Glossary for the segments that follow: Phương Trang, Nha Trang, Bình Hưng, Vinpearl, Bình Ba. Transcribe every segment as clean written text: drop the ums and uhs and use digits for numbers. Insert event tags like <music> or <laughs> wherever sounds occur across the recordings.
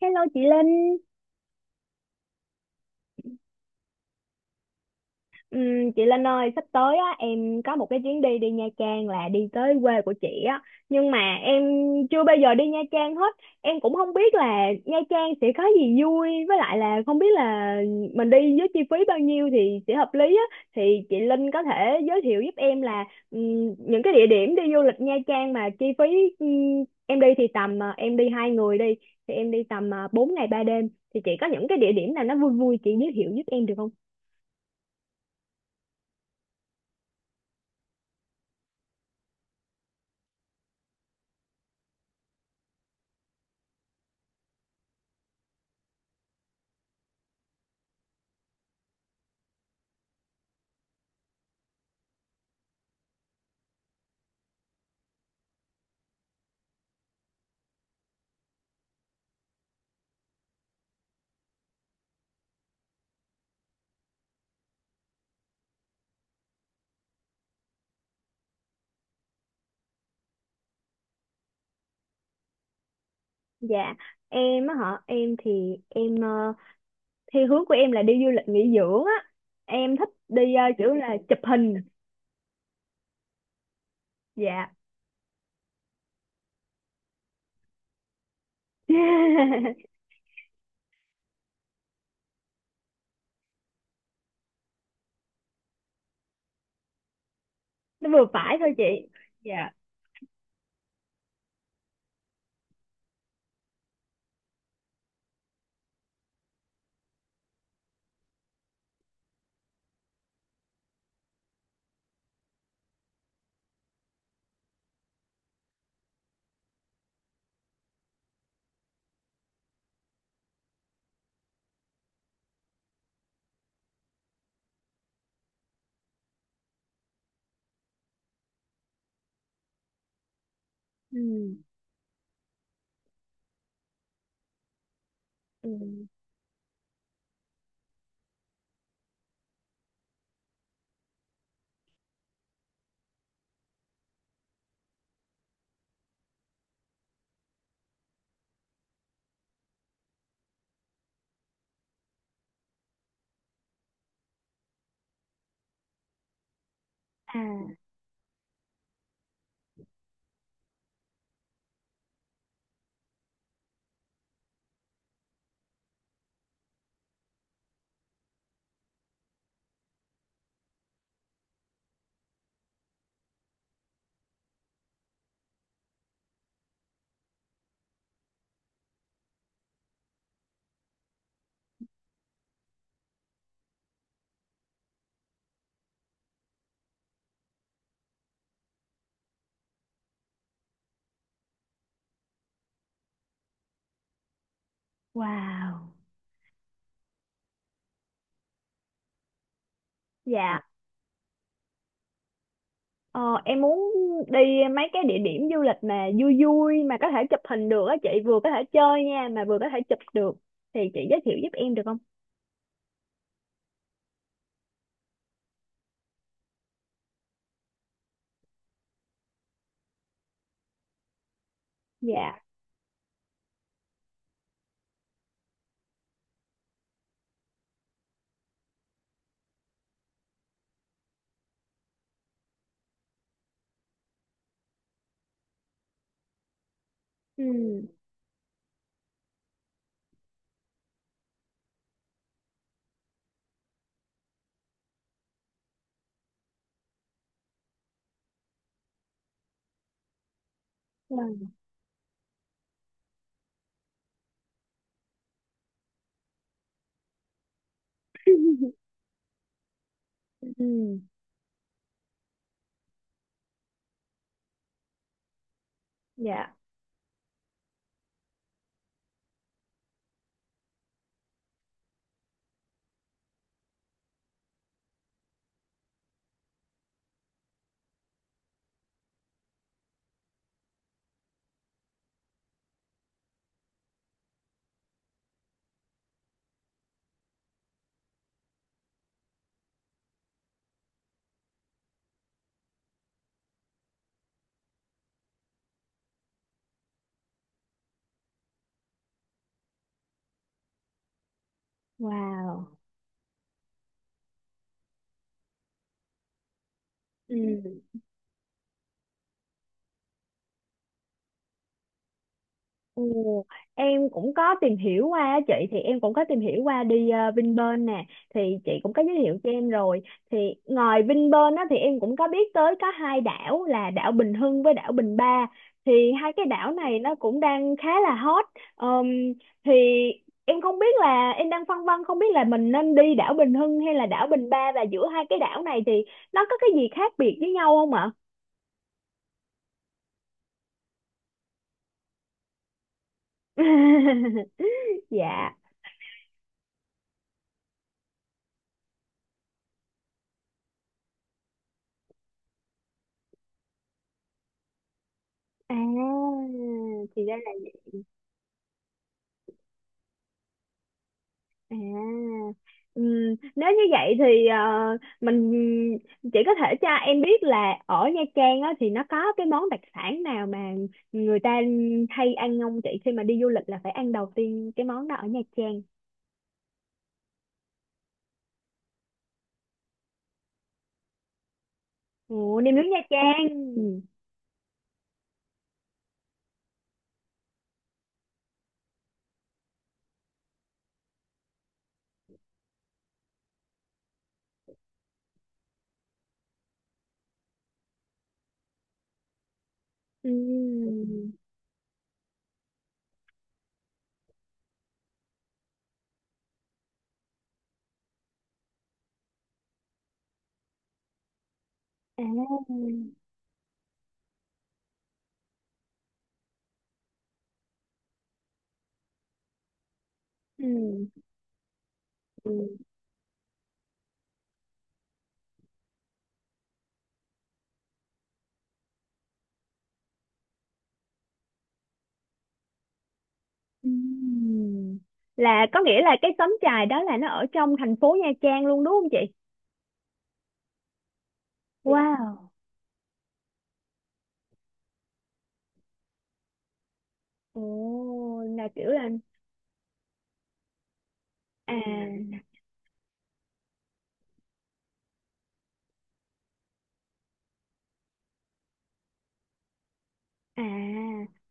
Hello chị Linh. Chị Linh ơi, sắp tới á, em có một cái chuyến đi đi Nha Trang, là đi tới quê của chị á. Nhưng mà em chưa bao giờ đi Nha Trang hết. Em cũng không biết là Nha Trang sẽ có gì vui. Với lại là không biết là mình đi với chi phí bao nhiêu thì sẽ hợp lý á. Thì chị Linh có thể giới thiệu giúp em là những cái địa điểm đi du lịch Nha Trang mà chi phí em đi thì tầm, em đi hai người đi. Thì em đi tầm 4 ngày 3 đêm. Thì chị có những cái địa điểm nào nó vui vui chị giới thiệu giúp em được không? Dạ, em á hả? Em thì em ờ, theo hướng của em là đi du lịch nghỉ dưỡng á. Em thích đi kiểu là chụp hình. Dạ. <laughs> Nó vừa phải thôi chị. Dạ. Ừ. Ừ. À, wow. Dạ. Ờ, em muốn đi mấy cái địa điểm du lịch mà vui vui mà có thể chụp hình được á chị, vừa có thể chơi nha mà vừa có thể chụp được. Thì chị giới thiệu giúp em được không? Dạ. Ừ. Vâng. <laughs> Ừ. Dạ. Wow. Ừ. Ồ, em cũng có tìm hiểu qua á chị, thì em cũng có tìm hiểu qua đi Vinpearl nè, thì chị cũng có giới thiệu cho em rồi. Thì ngoài Vinpearl á, thì em cũng có biết tới có hai đảo là đảo Bình Hưng với đảo Bình Ba. Thì hai cái đảo này nó cũng đang khá là hot. Ờm, thì em không biết là em đang phân vân không biết là mình nên đi đảo Bình Hưng hay là đảo Bình Ba, và giữa hai cái đảo này thì nó có cái gì khác biệt với nhau không ạ? <laughs> Dạ. À, thì ra là. À, ừm, nếu như vậy thì mình chỉ có thể cho em biết là ở Nha Trang á, thì nó có cái món đặc sản nào mà người ta hay ăn không chị, khi mà đi du lịch là phải ăn đầu tiên cái món đó ở Nha Trang. Ồ, nem nướng Nha Trang. Ừ. Ừm. À. Ừm. Ừm. Ừm. Là có nghĩa là cái xóm chài đó là nó ở trong thành phố Nha Trang luôn đúng không chị? Wow. Ồ, là kiểu là à. À,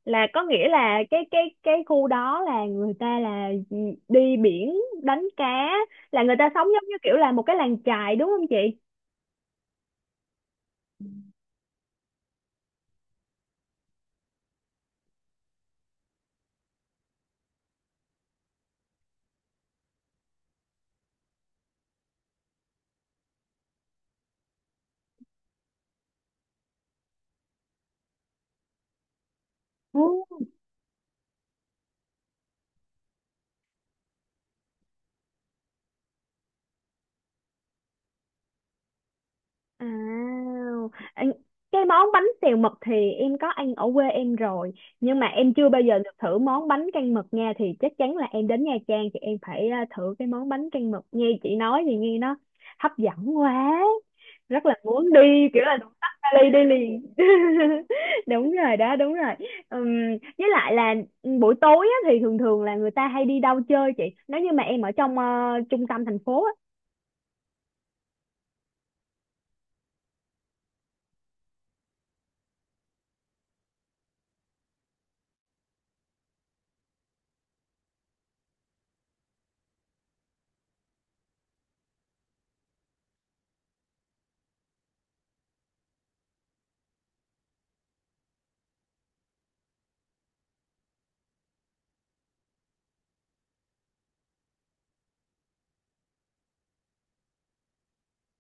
là có nghĩa là cái khu đó là người ta là đi biển đánh cá, là người ta sống giống như kiểu là một cái làng chài đúng không chị? Ừ. À, anh- cái món bánh xèo mực thì em có ăn ở quê em rồi, nhưng mà em chưa bao giờ được thử món bánh canh mực nha. Thì chắc chắn là em đến Nha Trang thì em phải à, thử cái món bánh canh mực. Nghe chị nói thì nghe nó hấp dẫn quá, rất là muốn đi, kiểu là đúng tắt vali đi liền. <laughs> Đúng rồi đó, đúng rồi. Ừm, với lại là buổi tối á, thì thường thường là người ta hay đi đâu chơi chị, nếu như mà em ở trong trung tâm thành phố á.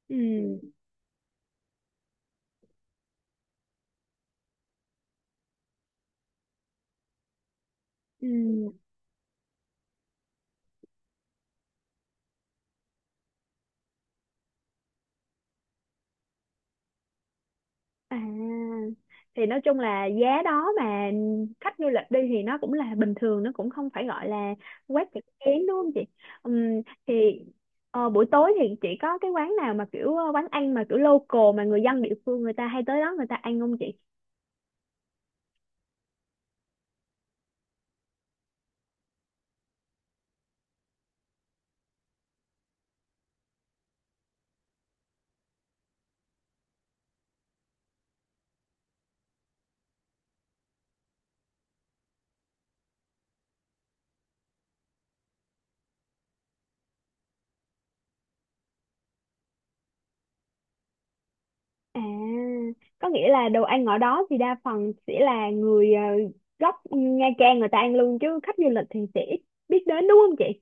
Ừ. Ừ. À, thì nói chung là giá đó mà khách du lịch đi thì nó cũng là bình thường, nó cũng không phải gọi là quá chặt chém đúng không chị. Ừm, thì buổi tối thì chị có cái quán nào mà kiểu quán ăn mà kiểu local mà người dân địa phương người ta hay tới đó người ta ăn không chị? À, có nghĩa là đồ ăn ở đó thì đa phần sẽ là người gốc Nha Trang người ta ăn luôn, chứ khách du lịch thì sẽ ít biết đến đúng không chị?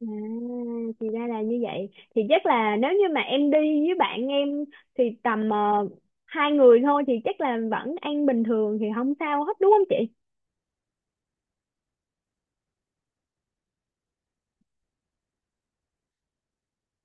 À, thì ra là như vậy. Thì chắc là nếu như mà em đi với bạn em thì tầm hai người thôi thì chắc là vẫn ăn bình thường thì không sao hết đúng không chị?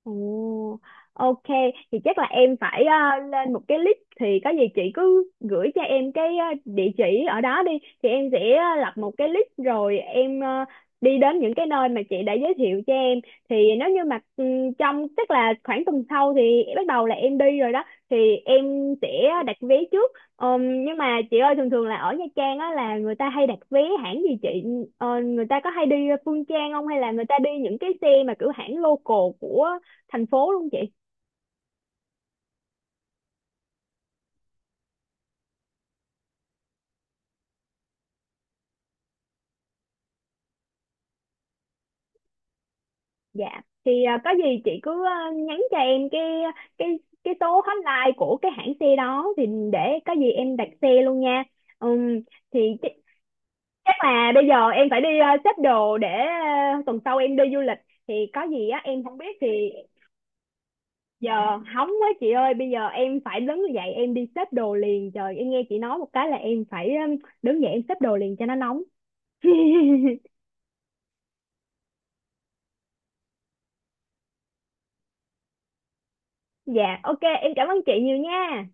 Ồ, ok, thì chắc là em phải lên một cái list. Thì có gì chị cứ gửi cho em cái địa chỉ ở đó đi, thì em sẽ lập một cái list rồi em đi đến những cái nơi mà chị đã giới thiệu cho em. Thì nếu như mà trong chắc là khoảng tuần sau thì bắt đầu là em đi rồi đó, thì em sẽ đặt vé trước. Nhưng mà chị ơi, thường thường là ở Nha Trang á là người ta hay đặt vé hãng gì chị? Ờ, người ta có hay đi Phương Trang không, hay là người ta đi những cái xe mà kiểu hãng local của thành phố luôn chị? Dạ, thì à, có gì chị cứ à, nhắn cho em cái số hotline của cái hãng xe đó, thì để có gì em đặt xe luôn nha. Ừm, thì chắc là bây giờ em phải đi à, xếp đồ để à, tuần sau em đi du lịch. Thì có gì á em không biết thì giờ, hóng quá chị ơi, bây giờ em phải đứng dậy em đi xếp đồ liền, trời. Em nghe chị nói một cái là em phải ừ, đứng dậy em xếp đồ liền cho nó nóng. <laughs> Dạ, ok, em cảm ơn chị nhiều nha.